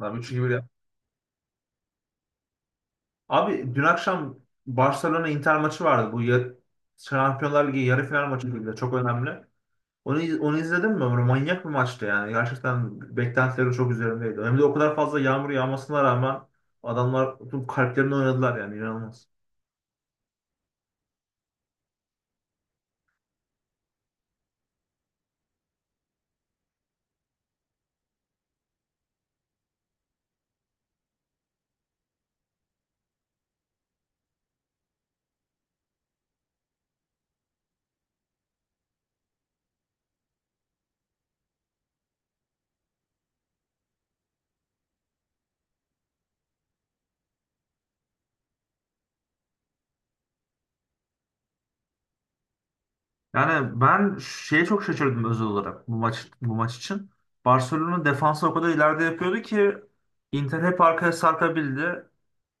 Lan 3-2-1 ya. Abi dün akşam Barcelona Inter maçı vardı. Şampiyonlar Ligi yarı final maçı gibi de çok önemli. Onu izledin mi? Böyle manyak bir maçtı yani. Gerçekten beklentilerim çok üzerimdeydi. Hem de o kadar fazla yağmur yağmasına rağmen adamlar tüm kalplerini oynadılar yani inanılmaz. Yani ben şeye çok şaşırdım özel olarak bu maç için. Barcelona defansı o kadar ileride yapıyordu ki Inter hep arkaya sarkabildi.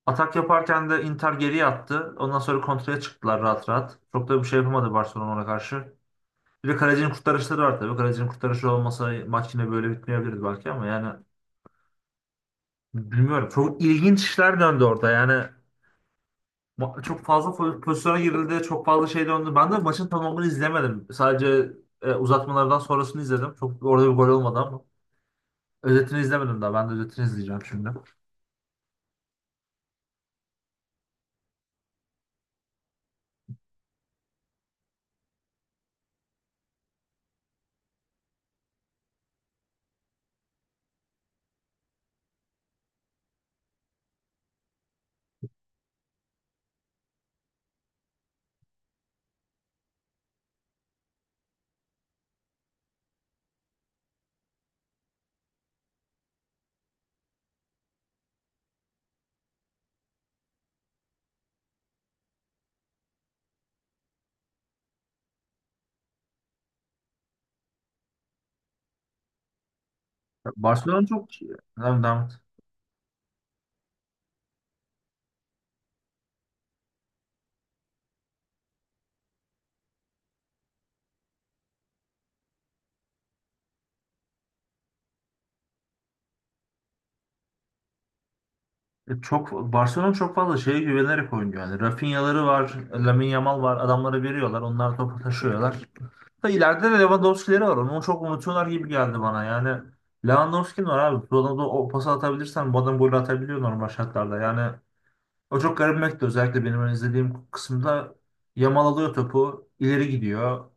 Atak yaparken de Inter geriye attı. Ondan sonra kontraya çıktılar rahat rahat. Çok da bir şey yapamadı Barcelona ona karşı. Bir de kalecinin kurtarışları var tabii. Kalecinin kurtarışı olmasa maç yine böyle bitmeyebilirdi belki ama yani bilmiyorum. Çok ilginç işler döndü orada. Yani çok fazla pozisyona girildi. Çok fazla şey döndü. Ben de maçın tamamını izlemedim. Sadece uzatmalardan sonrasını izledim. Çok orada bir gol olmadı ama. Özetini izlemedim daha. Ben de özetini izleyeceğim şimdi. Barcelona çok. Devam, devam. E, Çok Barcelona çok fazla şeye güvenerek oynuyor. Yani Rafinha'ları var, Lamine Yamal var. Adamları veriyorlar. Onlar topu taşıyorlar. Da ileride de Lewandowski'leri var. Onu çok unutuyorlar gibi geldi bana. Yani Lewandowski'nin var abi. Bu adamda o pası atabilirsen bu adam gol atabiliyor normal şartlarda. Yani o çok garibimekti özellikle benim hani izlediğim kısımda Yamal alıyor topu, ileri gidiyor.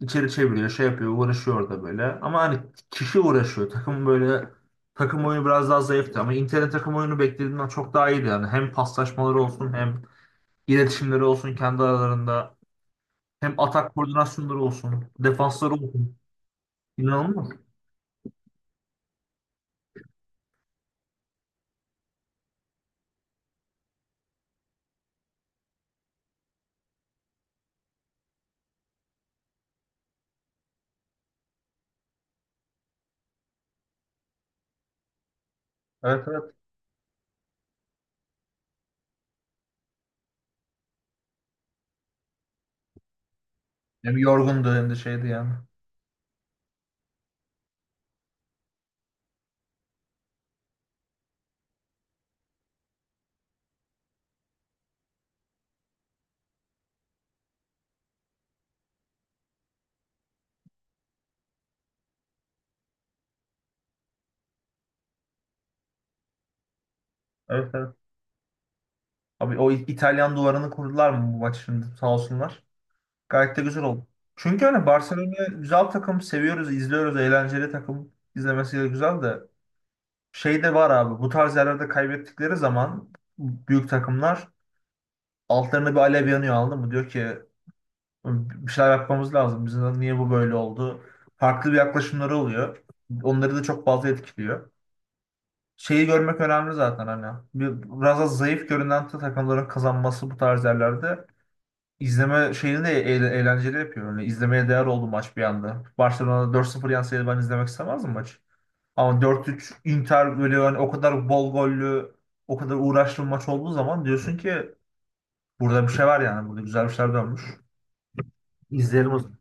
İçeri çeviriyor, şey yapıyor, uğraşıyor orada böyle. Ama hani kişi uğraşıyor. Takım böyle takım oyunu biraz daha zayıftı ama Inter'de takım oyunu beklediğimden çok daha iyiydi yani. Hem paslaşmaları olsun, hem iletişimleri olsun kendi aralarında, hem atak koordinasyonları olsun, defansları olsun. İnanılmaz. Evet evet. Hem yorgundu hem de şeydi yani. Evet evet. Abi o İtalyan duvarını kurdular mı bu maç şimdi sağ olsunlar. Gayet de güzel oldu. Çünkü hani Barcelona güzel takım, seviyoruz, izliyoruz, eğlenceli takım. İzlemesi de güzel de. Şey de var abi bu tarz yerlerde kaybettikleri zaman büyük takımlar altlarında bir alev yanıyor anladın mı? Diyor ki bir şeyler yapmamız lazım. Bizim niye bu böyle oldu? Farklı bir yaklaşımları oluyor. Onları da çok fazla etkiliyor. Şeyi görmek önemli zaten hani. Biraz da zayıf görünen takımların kazanması bu tarz yerlerde izleme şeyini de eğlenceli yapıyor. Yani izlemeye değer oldu maç bir anda. Barcelona 4-0 yenseydi ben izlemek istemezdim maçı. Ama 4-3 Inter böyle yani o kadar bol gollü, o kadar uğraşlı bir maç olduğu zaman diyorsun ki burada bir şey var yani. Burada güzel bir şeyler dönmüş. İzleyelim o zaman.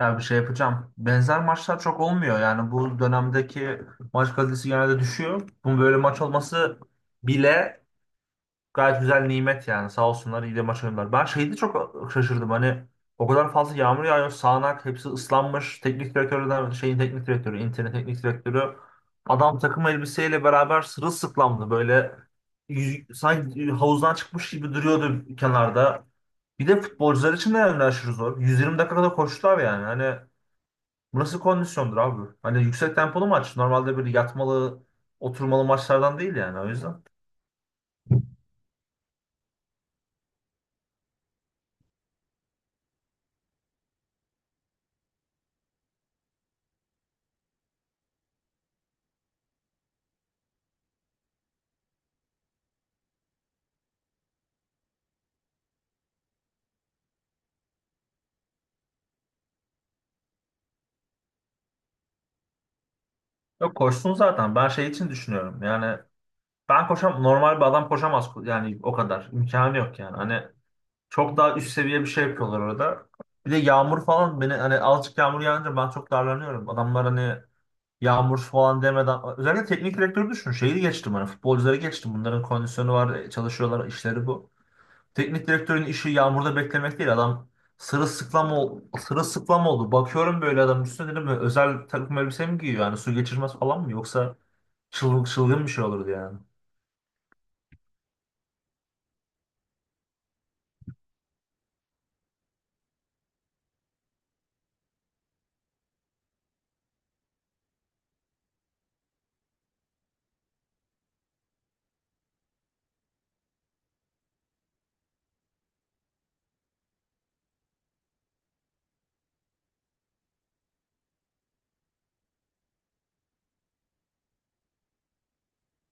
Yani bir şey yapacağım. Benzer maçlar çok olmuyor. Yani bu dönemdeki maç kalitesi genelde düşüyor. Bunun böyle maç olması bile gayet güzel nimet yani. Sağ olsunlar iyi de maç oynadılar. Ben şeyde çok şaşırdım hani o kadar fazla yağmur yağıyor. Sağanak hepsi ıslanmış. Teknik direktörden şeyin teknik direktörü, internet teknik direktörü adam takım elbiseyle beraber sırılsıklamdı böyle sanki havuzdan çıkmış gibi duruyordu kenarda. Bir de futbolcular için de yani aşırı zor. 120 dakika kadar koştular yani. Hani bu nasıl kondisyondur abi? Hani yüksek tempolu maç. Normalde böyle yatmalı, oturmalı maçlardan değil yani o yüzden. Yok koşsun zaten. Ben şey için düşünüyorum. Yani ben koşam normal bir adam koşamaz yani o kadar. İmkanı yok yani. Hani çok daha üst seviye bir şey yapıyorlar orada. Bir de yağmur falan beni hani azıcık yağmur yağınca ben çok darlanıyorum. Adamlar hani yağmur falan demeden özellikle teknik direktörü düşün. Şeyi geçtim hani futbolcuları geçtim. Bunların kondisyonu var, çalışıyorlar, işleri bu. Teknik direktörün işi yağmurda beklemek değil. Adam sırılsıklam, sırılsıklam oldu. Bakıyorum böyle adam üstüne dedim böyle özel takım elbise mi giyiyor? Yani su geçirmez falan mı? Yoksa çılgın, çılgın bir şey olurdu yani.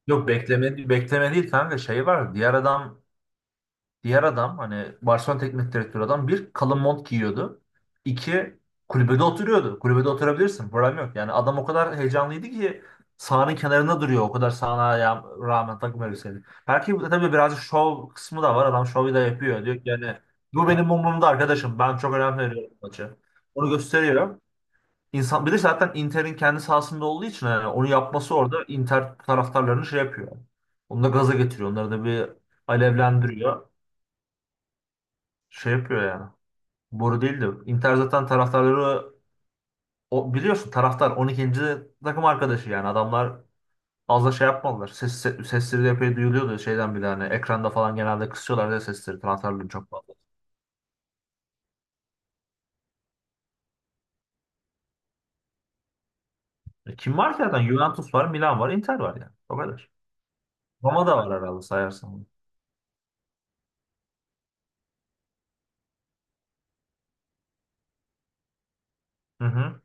Yok bekleme, bekleme değil kanka şey var. Diğer adam hani Barcelona teknik direktörü adam bir kalın mont giyiyordu. İki kulübede oturuyordu. Kulübede oturabilirsin. Problem yok. Yani adam o kadar heyecanlıydı ki sahanın kenarında duruyor. O kadar sahana rağmen takım elbiseli. Belki bu da tabii birazcık şov kısmı da var. Adam şovu da yapıyor. Diyor ki yani bu benim umurumda arkadaşım. Ben çok önem veriyorum maça. Onu gösteriyor. İnsan, bir de zaten Inter'in kendi sahasında olduğu için yani onu yapması orada Inter taraftarlarını şey yapıyor. Onu da gaza getiriyor. Onları da bir alevlendiriyor şey yapıyor yani. Boru değil de Inter zaten taraftarları o, biliyorsun taraftar 12. takım arkadaşı yani adamlar az da şey yapmadılar. Sesleri de epey duyuluyordu şeyden bile hani ekranda falan genelde kısıyorlar da sesleri taraftarların çok fazla. Kim var ki zaten? Juventus var, Milan var, Inter var yani. O kadar. Roma da var herhalde sayarsan. Hı hı.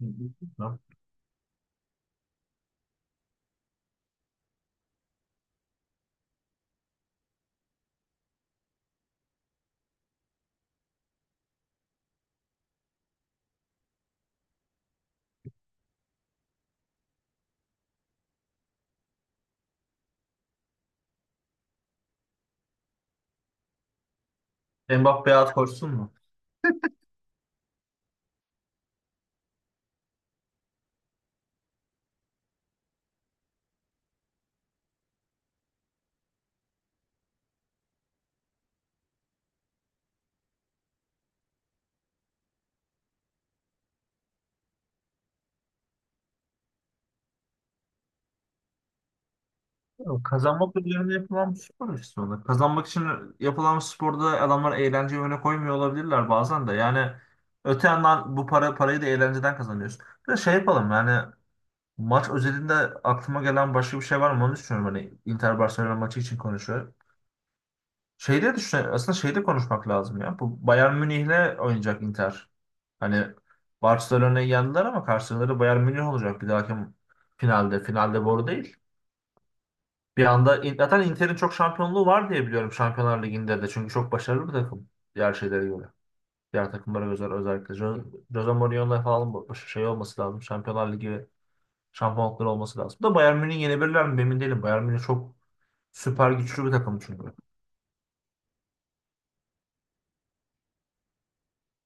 Hı hı. Mbappe at koşsun mu? Yok, kazanmak üzerine yapılan bir spor aslında. Kazanmak için yapılan bir sporda adamlar eğlenceyi öne koymuyor olabilirler bazen de. Yani öte yandan bu parayı da eğlenceden kazanıyorsun. Bir de şey yapalım yani maç özelinde aklıma gelen başka bir şey var mı onu düşünüyorum. Hani Inter Barcelona maçı için konuşuyor. Şeyde düşünüyorum. Aslında şeyde konuşmak lazım ya. Bu Bayern Münih'le oynayacak Inter. Hani Barcelona'yı yendiler ama karşıları Bayern Münih olacak bir dahaki finalde. Finalde boru değil. Bir anda zaten Inter'in çok şampiyonluğu var diye biliyorum Şampiyonlar Ligi'nde de. Çünkü çok başarılı bir takım. Diğer şeylere göre. Diğer takımlara göre özellikle. Jose Mourinho'la falan şey olması lazım. Şampiyonlar Ligi şampiyonlukları olması lazım. Da Bayern Münih yenebilirler mi emin değilim. Bayern Münih çok süper güçlü bir takım çünkü.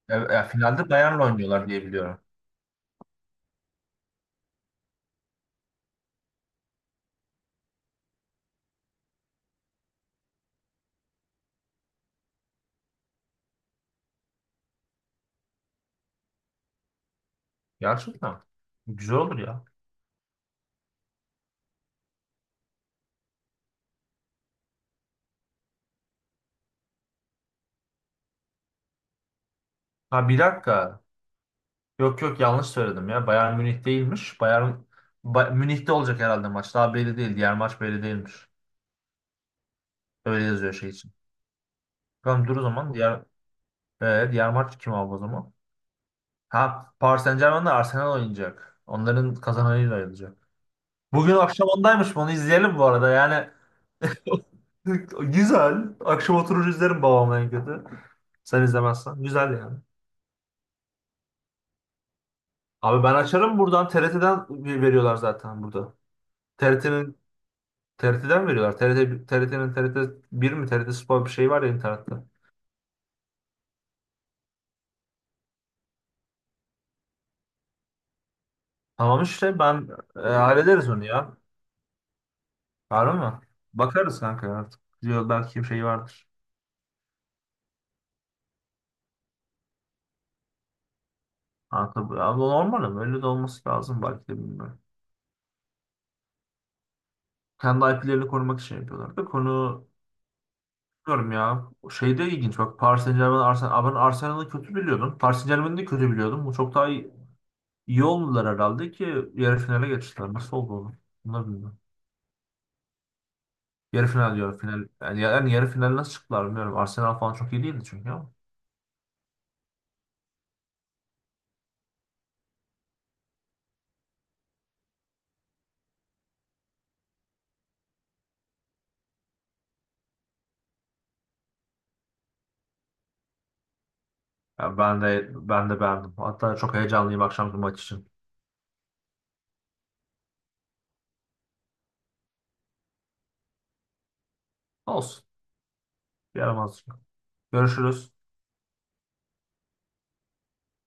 Ya finalde Bayern'le oynuyorlar diye biliyorum. Gerçekten. Güzel olur ya. Ha bir dakika. Yok yok yanlış söyledim ya. Bayern Münih değilmiş. Münih'te olacak herhalde maç. Daha belli değil. Diğer maç belli değilmiş. Öyle yazıyor şey için. Tamam dur o zaman. Diğer maç kim abi o zaman? Ha Paris Saint-Germain'le Arsenal oynayacak. Onların kazananıyla ayrılacak. Bugün akşam ondaymış. Bunu izleyelim bu arada. Yani güzel. Akşam oturur izlerim babamla en kötü. Sen izlemezsen. Güzel yani. Abi ben açarım buradan. TRT'den veriyorlar zaten burada. TRT'nin TRT'den veriyorlar. TRT, TRT bir mi TRT Spor bir şey var ya internette. Tamam işte ben hallederiz onu ya. Var mı? Bakarız kanka artık. Diyor belki bir şey vardır. Kanka, abi normal ama öyle de olması lazım belki de bilmiyorum. Kendi IP'lerini korumak için yapıyorlar. Da konu bilmiyorum ya. Şey de ilginç bak Paris Saint-Germain, Arsenal. Ben Arsenal'ı kötü biliyordum. Paris Saint-Germain'i de kötü biliyordum. Bu çok daha iyi oldular herhalde ki yarı finale geçtiler. Nasıl oldu oğlum? Bunlar bilmiyorum. Yarı final diyor. Final, yani yarı final nasıl çıktılar bilmiyorum. Arsenal falan çok iyi değildi çünkü ama. Ya ben de beğendim. Hatta çok heyecanlıyım akşamki maç için. Olsun. Yaramaz. Görüşürüz.